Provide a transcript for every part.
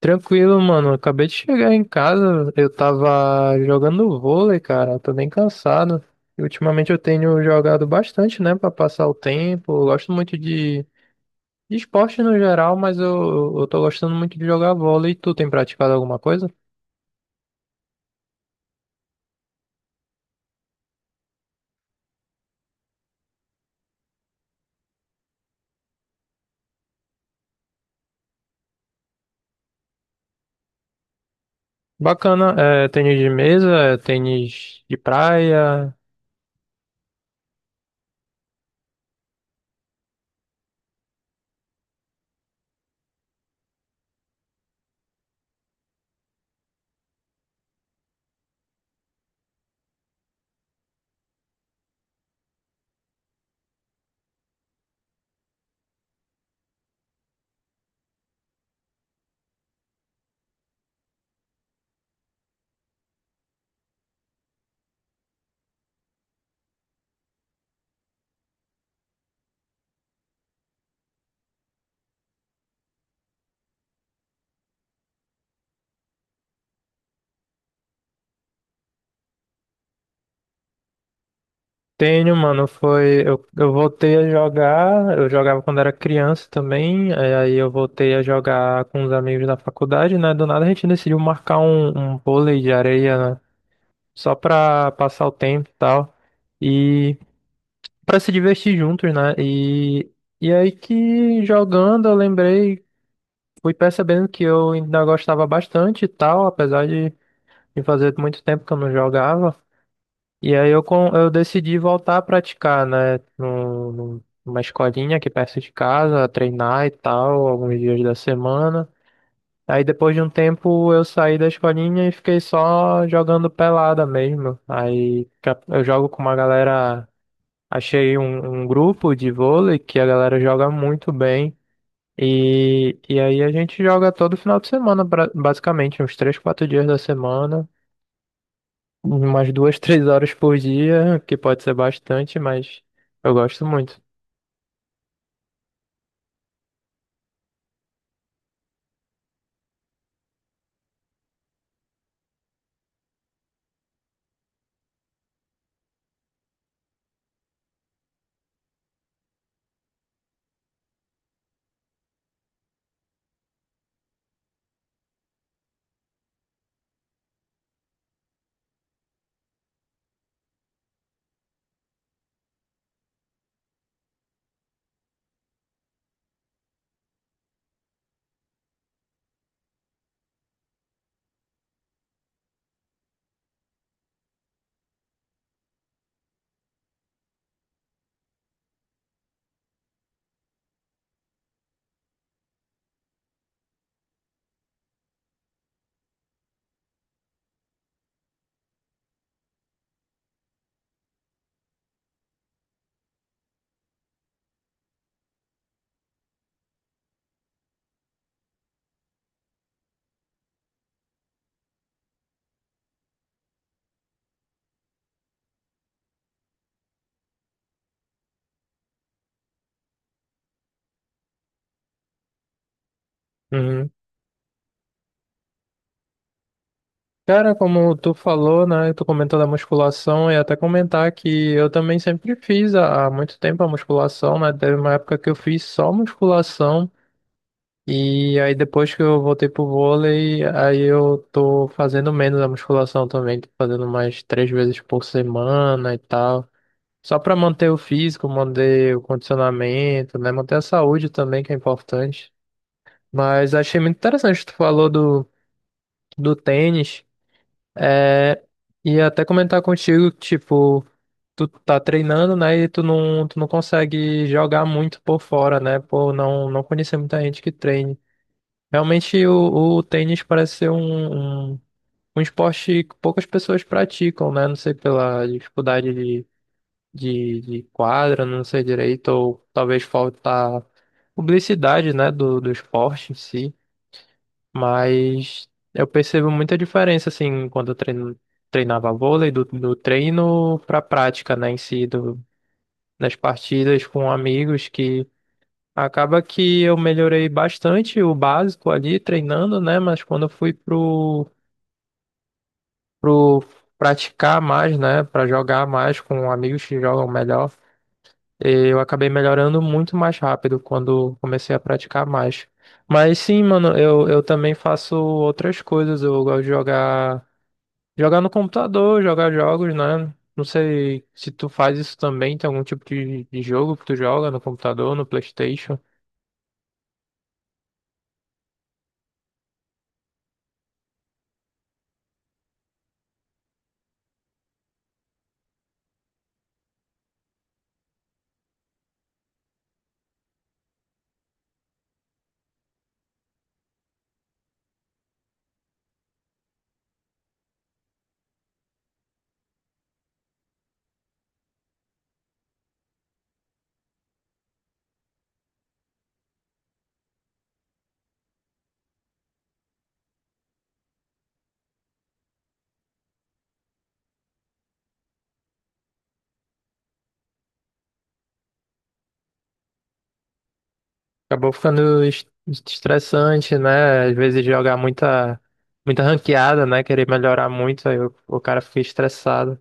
Tranquilo, mano. Acabei de chegar em casa. Eu tava jogando vôlei, cara. Eu tô bem cansado. E ultimamente eu tenho jogado bastante, né, pra passar o tempo. Eu gosto muito de esporte no geral, mas eu tô gostando muito de jogar vôlei. Tu tem praticado alguma coisa? Bacana. É, tênis de mesa, é, tênis de praia. Tenho, mano, foi. Eu voltei a jogar, eu jogava quando era criança também, é, aí eu voltei a jogar com os amigos da faculdade, né? Do nada a gente decidiu marcar um vôlei de areia, né? Só pra passar o tempo e tal. E pra se divertir juntos, né? E aí que jogando eu lembrei, fui percebendo que eu ainda gostava bastante e tal, apesar de fazer muito tempo que eu não jogava. E aí eu, eu decidi voltar a praticar, né? Numa escolinha aqui perto de casa, treinar e tal, alguns dias da semana. Aí depois de um tempo eu saí da escolinha e fiquei só jogando pelada mesmo. Aí eu jogo com uma galera, achei um grupo de vôlei que a galera joga muito bem. E aí a gente joga todo final de semana, basicamente, uns 3, 4 dias da semana. Umas duas, 3 horas por dia, que pode ser bastante, mas eu gosto muito. Uhum. Cara, como tu falou, né? Tu comentou da musculação e até comentar que eu também sempre fiz há muito tempo a musculação, né? Teve uma época que eu fiz só musculação e aí depois que eu voltei pro vôlei, aí eu tô fazendo menos a musculação também, tô fazendo mais 3 vezes por semana e tal. Só pra manter o físico, manter o condicionamento, né? Manter a saúde também, que é importante. Mas achei muito interessante, tu falou do tênis. É, e até comentar contigo, tipo, tu tá treinando, né? E tu não consegue jogar muito por fora, né? Por não, não conhecer muita gente que treine. Realmente o tênis parece ser um esporte que poucas pessoas praticam, né? Não sei pela dificuldade de quadra, não sei direito, ou talvez falta publicidade, né? Do esporte em si. Mas eu percebo muita diferença, assim, quando eu treino, treinava vôlei, do treino pra prática, né, em si, do, das partidas com amigos, que acaba que eu melhorei bastante o básico ali, treinando, né, mas quando eu fui pro, pro praticar mais, né, pra jogar mais com amigos que jogam melhor, eu acabei melhorando muito mais rápido quando comecei a praticar mais. Mas sim, mano, eu também faço outras coisas, eu gosto de jogar. Jogar no computador, jogar jogos, né? Não sei se tu faz isso também, tem algum tipo de jogo que tu joga no computador, no PlayStation. Acabou ficando estressante, né? Às vezes jogar muita, muita ranqueada, né? Querer melhorar muito, aí o cara fica estressado.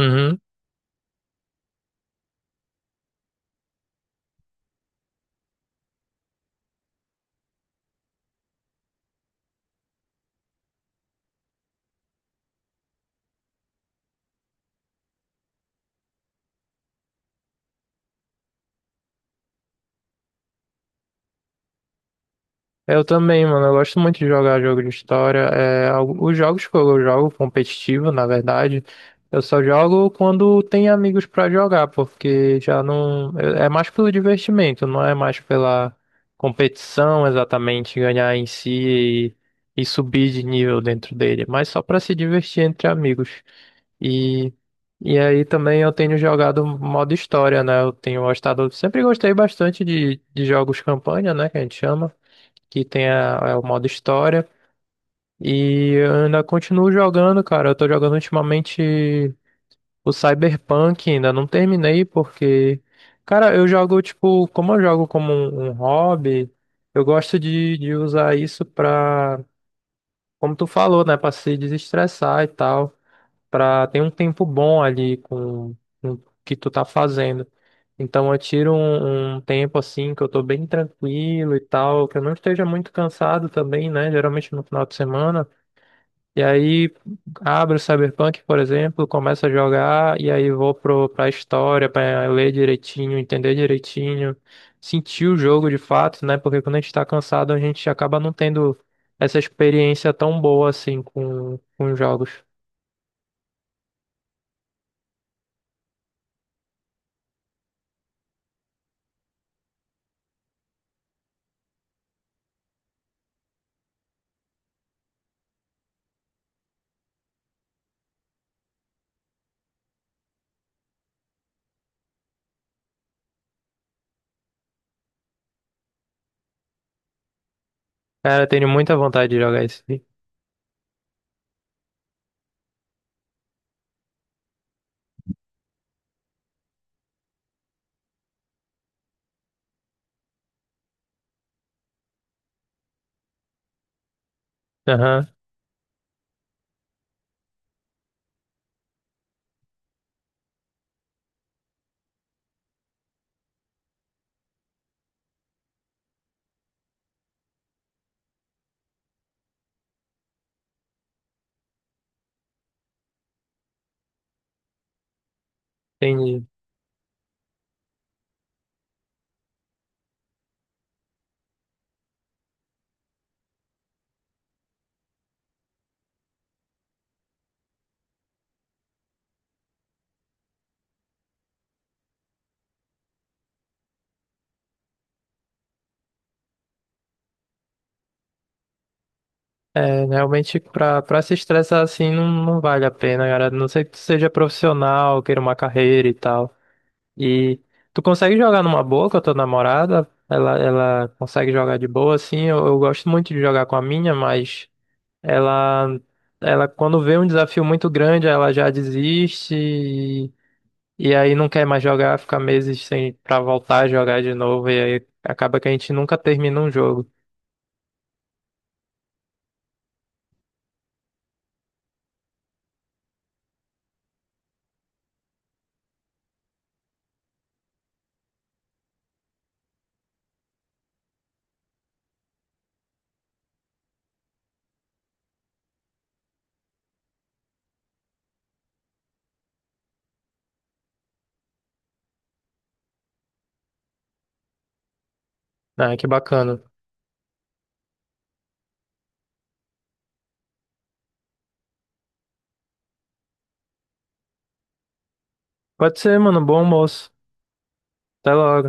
Uhum. Eu também, mano. Eu gosto muito de jogar jogo de história. É, os jogos que eu jogo competitivo, na verdade, eu só jogo quando tem amigos pra jogar, porque já não. É é mais pelo divertimento, não é mais pela competição exatamente, ganhar em si e subir de nível dentro dele, mas só pra se divertir entre amigos. E, e aí também eu tenho jogado modo história, né? Eu tenho gostado, sempre gostei bastante de jogos campanha, né? Que a gente chama que tem é o modo história. E eu ainda continuo jogando, cara. Eu tô jogando ultimamente o Cyberpunk, ainda não terminei, porque, cara, eu jogo, tipo, como eu jogo como um hobby, eu gosto de usar isso pra, como tu falou, né, pra se desestressar e tal para ter um tempo bom ali com o que tu tá fazendo. Então eu tiro um tempo assim que eu tô bem tranquilo e tal, que eu não esteja muito cansado também, né? Geralmente no final de semana. E aí abro o Cyberpunk, por exemplo, começo a jogar e aí vou pro, pra história, pra ler direitinho, entender direitinho, sentir o jogo de fato, né? Porque quando a gente tá cansado, a gente acaba não tendo essa experiência tão boa assim com os jogos. Cara, eu tenho muita vontade de jogar isso aí. Aham, entendi. É, realmente, pra, pra se estressar assim, não, não vale a pena, cara. A não ser que tu seja profissional, queira uma carreira e tal. E tu consegue jogar numa boa com a tua namorada? Ela consegue jogar de boa, assim. Eu gosto muito de jogar com a minha, mas ela, ela quando vê um desafio muito grande, ela já desiste e aí não quer mais jogar, fica meses sem pra voltar a jogar de novo. E aí acaba que a gente nunca termina um jogo. Ah, que bacana. Pode ser, mano. Bom almoço. Até logo.